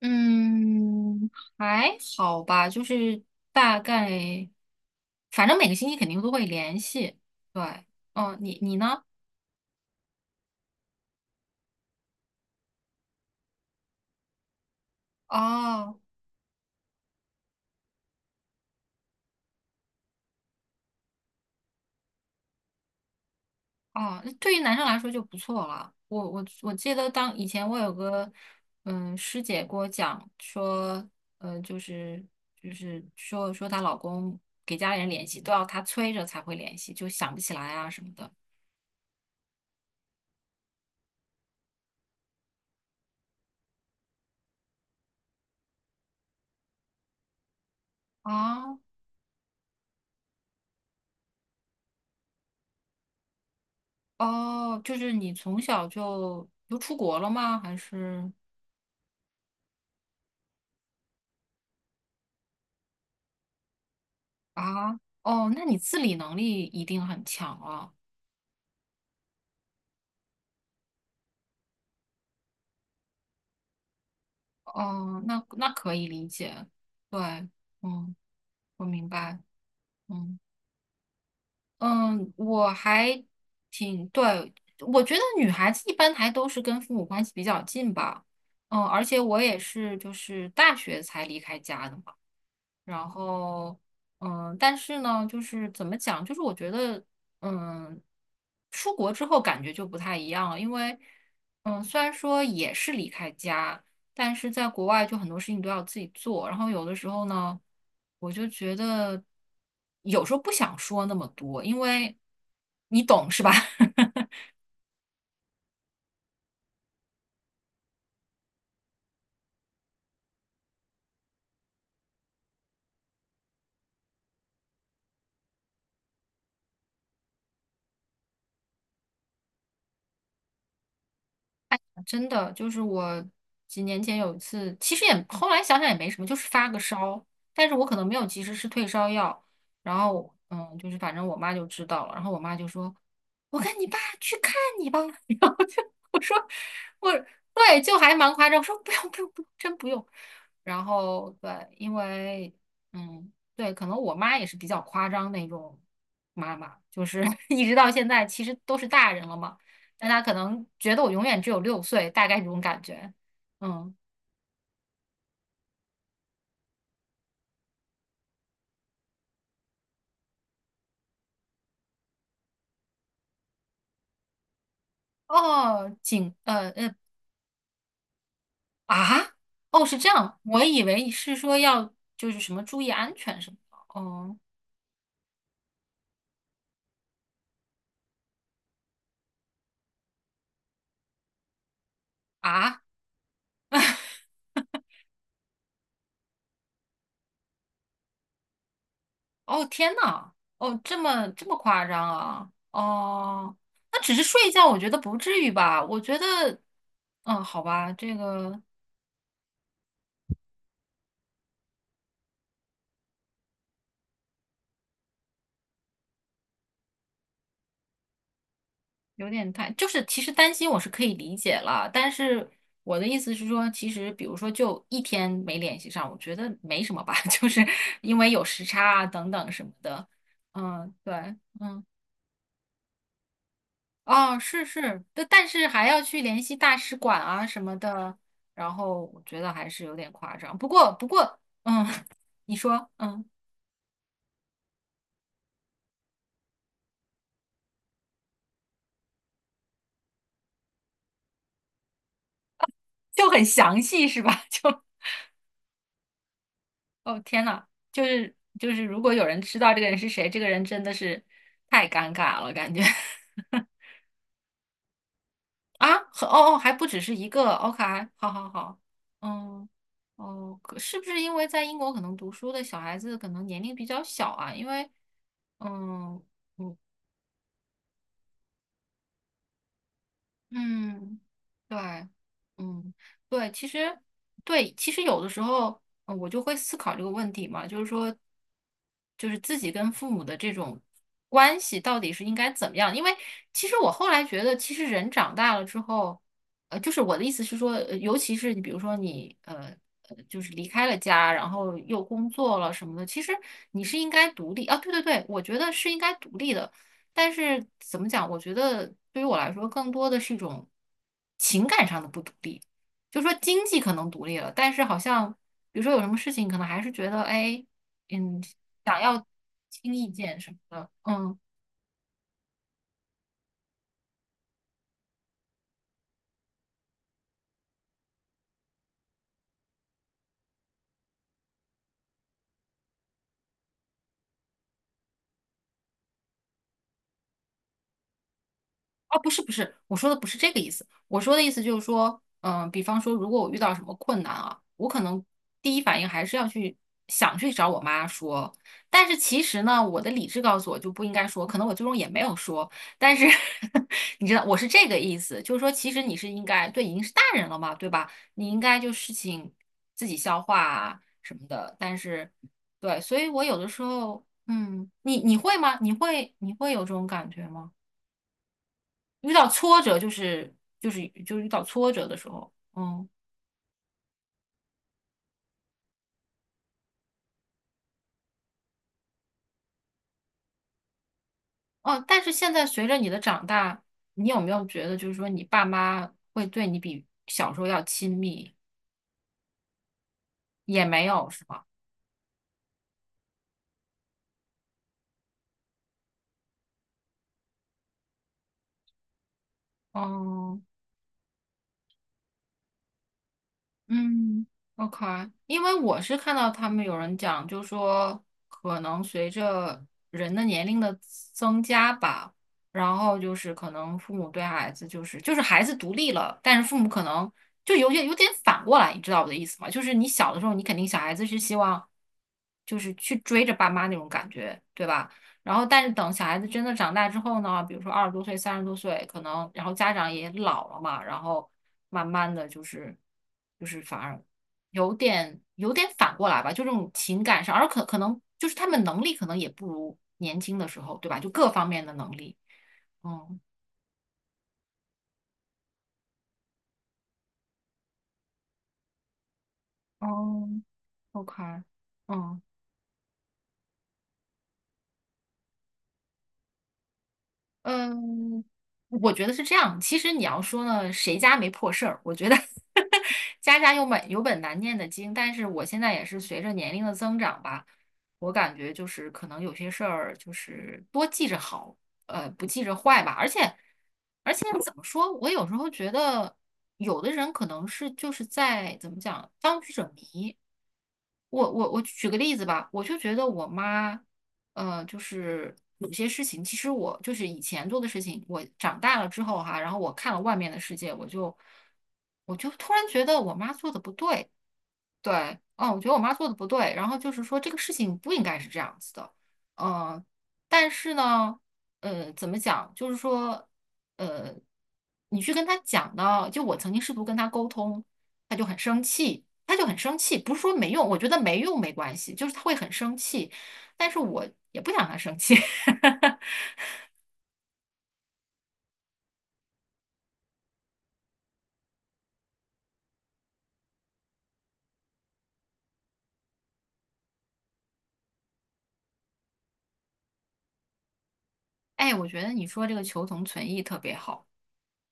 嗯，还好吧，就是大概，反正每个星期肯定都会联系。对，哦，你呢？哦哦，那对于男生来说就不错了。我记得当以前我有个师姐给我讲说，就是就是说她老公给家里人联系都要她催着才会联系，就想不起来啊什么的。啊，哦，就是你从小就出国了吗？还是？啊，哦，那你自理能力一定很强了。哦，那那可以理解。对，嗯，我明白。嗯嗯，我还挺，对，我觉得女孩子一般还都是跟父母关系比较近吧。嗯，而且我也是就是大学才离开家的嘛。然后，嗯，但是呢，就是怎么讲，就是我觉得，嗯，出国之后感觉就不太一样了，因为，嗯，虽然说也是离开家，但是在国外就很多事情都要自己做，然后有的时候呢，我就觉得有时候不想说那么多，因为你懂是吧？真的就是我几年前有一次，其实也后来想想也没什么，就是发个烧，但是我可能没有及时吃退烧药，然后就是反正我妈就知道了，然后我妈就说：“我跟你爸去看你吧。然后就我说我对，就还蛮夸张，我说不用，真不用。然后对，因为嗯，对，可能我妈也是比较夸张那种妈妈，就是 一直到现在其实都是大人了嘛，但她可能觉得我永远只有6岁，大概这种感觉。嗯，哦，警，啊，哦是这样，我以为是说要就是什么注意安全什么的。哦啊，哦，天呐，哦，这么夸张啊？哦，那只是睡一觉，我觉得不至于吧？我觉得，嗯，好吧，这个有点太，就是其实担心我是可以理解了，但是我的意思是说，其实比如说就一天没联系上，我觉得没什么吧，就是因为有时差啊等等什么的。嗯，对，嗯。哦，是是，但是还要去联系大使馆啊什么的，然后我觉得还是有点夸张。不过，嗯，你说，嗯，就很详细是吧？就，哦天呐，就是，如果有人知道这个人是谁，这个人真的是太尴尬了，感觉 啊，和哦哦，还不只是一个，OK,好好好，嗯。哦，可是不是因为在英国可能读书的小孩子可能年龄比较小啊？因为，嗯，嗯嗯，对，嗯，对，其实，对，其实有的时候，我就会思考这个问题嘛，就是说，就是自己跟父母的这种关系到底是应该怎么样？因为其实我后来觉得，其实人长大了之后，就是我的意思是说，尤其是你比如说你就是离开了家，然后又工作了什么的，其实你是应该独立啊，对，我觉得是应该独立的。但是怎么讲？我觉得对于我来说，更多的是一种情感上的不独立。就说经济可能独立了，但是好像比如说有什么事情，可能还是觉得哎，嗯，想要听意见什么的，嗯。哦，不是不是，我说的不是这个意思。我说的意思就是说，嗯、比方说，如果我遇到什么困难啊，我可能第一反应还是要去想去找我妈说。但是其实呢，我的理智告诉我就不应该说，可能我最终也没有说。但是 你知道，我是这个意思，就是说，其实你是应该，对，已经是大人了嘛，对吧？你应该就事情自己消化啊什么的。但是，对，所以我有的时候，嗯，你会吗？你会有这种感觉吗？遇到挫折就是遇到挫折的时候，嗯哦，但是现在随着你的长大，你有没有觉得就是说你爸妈会对你比小时候要亲密？也没有是吧？嗯。嗯，OK,因为我是看到他们有人讲，就说可能随着人的年龄的增加吧，然后就是可能父母对孩子孩子独立了，但是父母可能就有点反过来，你知道我的意思吗？就是你小的时候，你肯定小孩子是希望就是去追着爸妈那种感觉，对吧？然后，但是等小孩子真的长大之后呢，比如说20多岁、30多岁，可能然后家长也老了嘛，然后慢慢的就是反而有点反过来吧，就这种情感上，而可能就是他们能力可能也不如年轻的时候，对吧？就各方面的能力，嗯，哦，OK,嗯。嗯，我觉得是这样。其实你要说呢，谁家没破事儿？我觉得 家家有本难念的经。但是我现在也是随着年龄的增长吧，我感觉就是可能有些事儿就是多记着好，呃，不记着坏吧。而且怎么说，我有时候觉得有的人可能是就是在怎么讲当局者迷。我举个例子吧，我就觉得我妈。呃，就是有些事情，其实我就是以前做的事情，我长大了之后哈，然后我看了外面的世界，我就突然觉得我妈做的不对，对，嗯，我觉得我妈做的不对，然后就是说这个事情不应该是这样子的，嗯，但是呢，呃，怎么讲，就是说，呃，你去跟她讲呢，就我曾经试图跟她沟通，她就很生气，不是说没用，我觉得没用没关系，就是她会很生气，但是我也不想她生气，哎，我觉得你说这个求同存异特别好。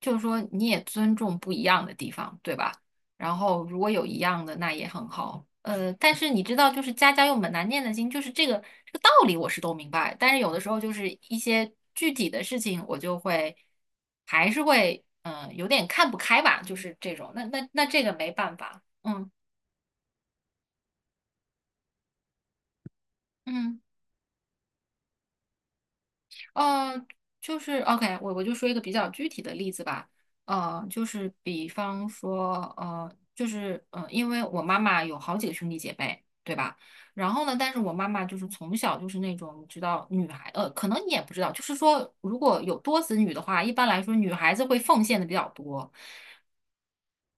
就是说你也尊重不一样的地方，对吧？然后如果有一样的，那也很好。呃，但是你知道，就是家家有本难念的经，就是这个道理我是都明白，但是有的时候就是一些具体的事情，我就会还是会嗯、有点看不开吧，就是这种。那这个没办法，嗯嗯。呃，就是 OK,我就说一个比较具体的例子吧。呃，就是比方说，呃，就是呃，因为我妈妈有好几个兄弟姐妹，对吧？然后呢，但是我妈妈就是从小就是那种，你知道，女孩，呃，可能你也不知道，就是说，如果有多子女的话，一般来说女孩子会奉献的比较多。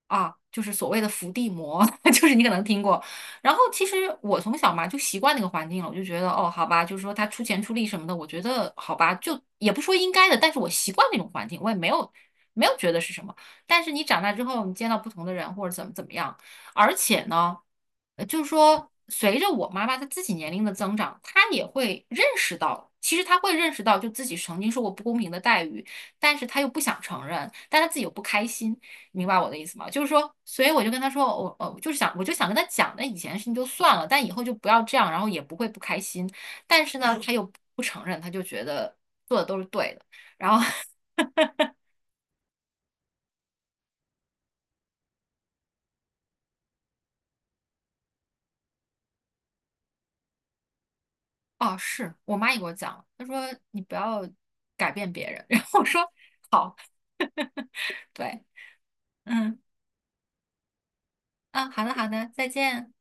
啊，就是所谓的伏地魔，就是你可能听过。然后其实我从小嘛就习惯那个环境了，我就觉得哦，好吧，就是说他出钱出力什么的，我觉得好吧，就也不说应该的，但是我习惯那种环境，我也没有觉得是什么。但是你长大之后，你见到不同的人或者怎么怎么样，而且呢，呃就是说随着我妈妈她自己年龄的增长，她也会认识到，其实她会认识到，就自己曾经受过不公平的待遇，但是她又不想承认，但她自己又不开心。明白我的意思吗？就是说，所以我就跟他说，我就是想，我就想跟他讲，那以前的事情就算了，但以后就不要这样，然后也不会不开心。但是呢，他又不承认，他就觉得做的都是对的。然后，哦，是我妈也给我讲了，她说你不要改变别人。然后我说好，对，嗯，啊，好的，再见。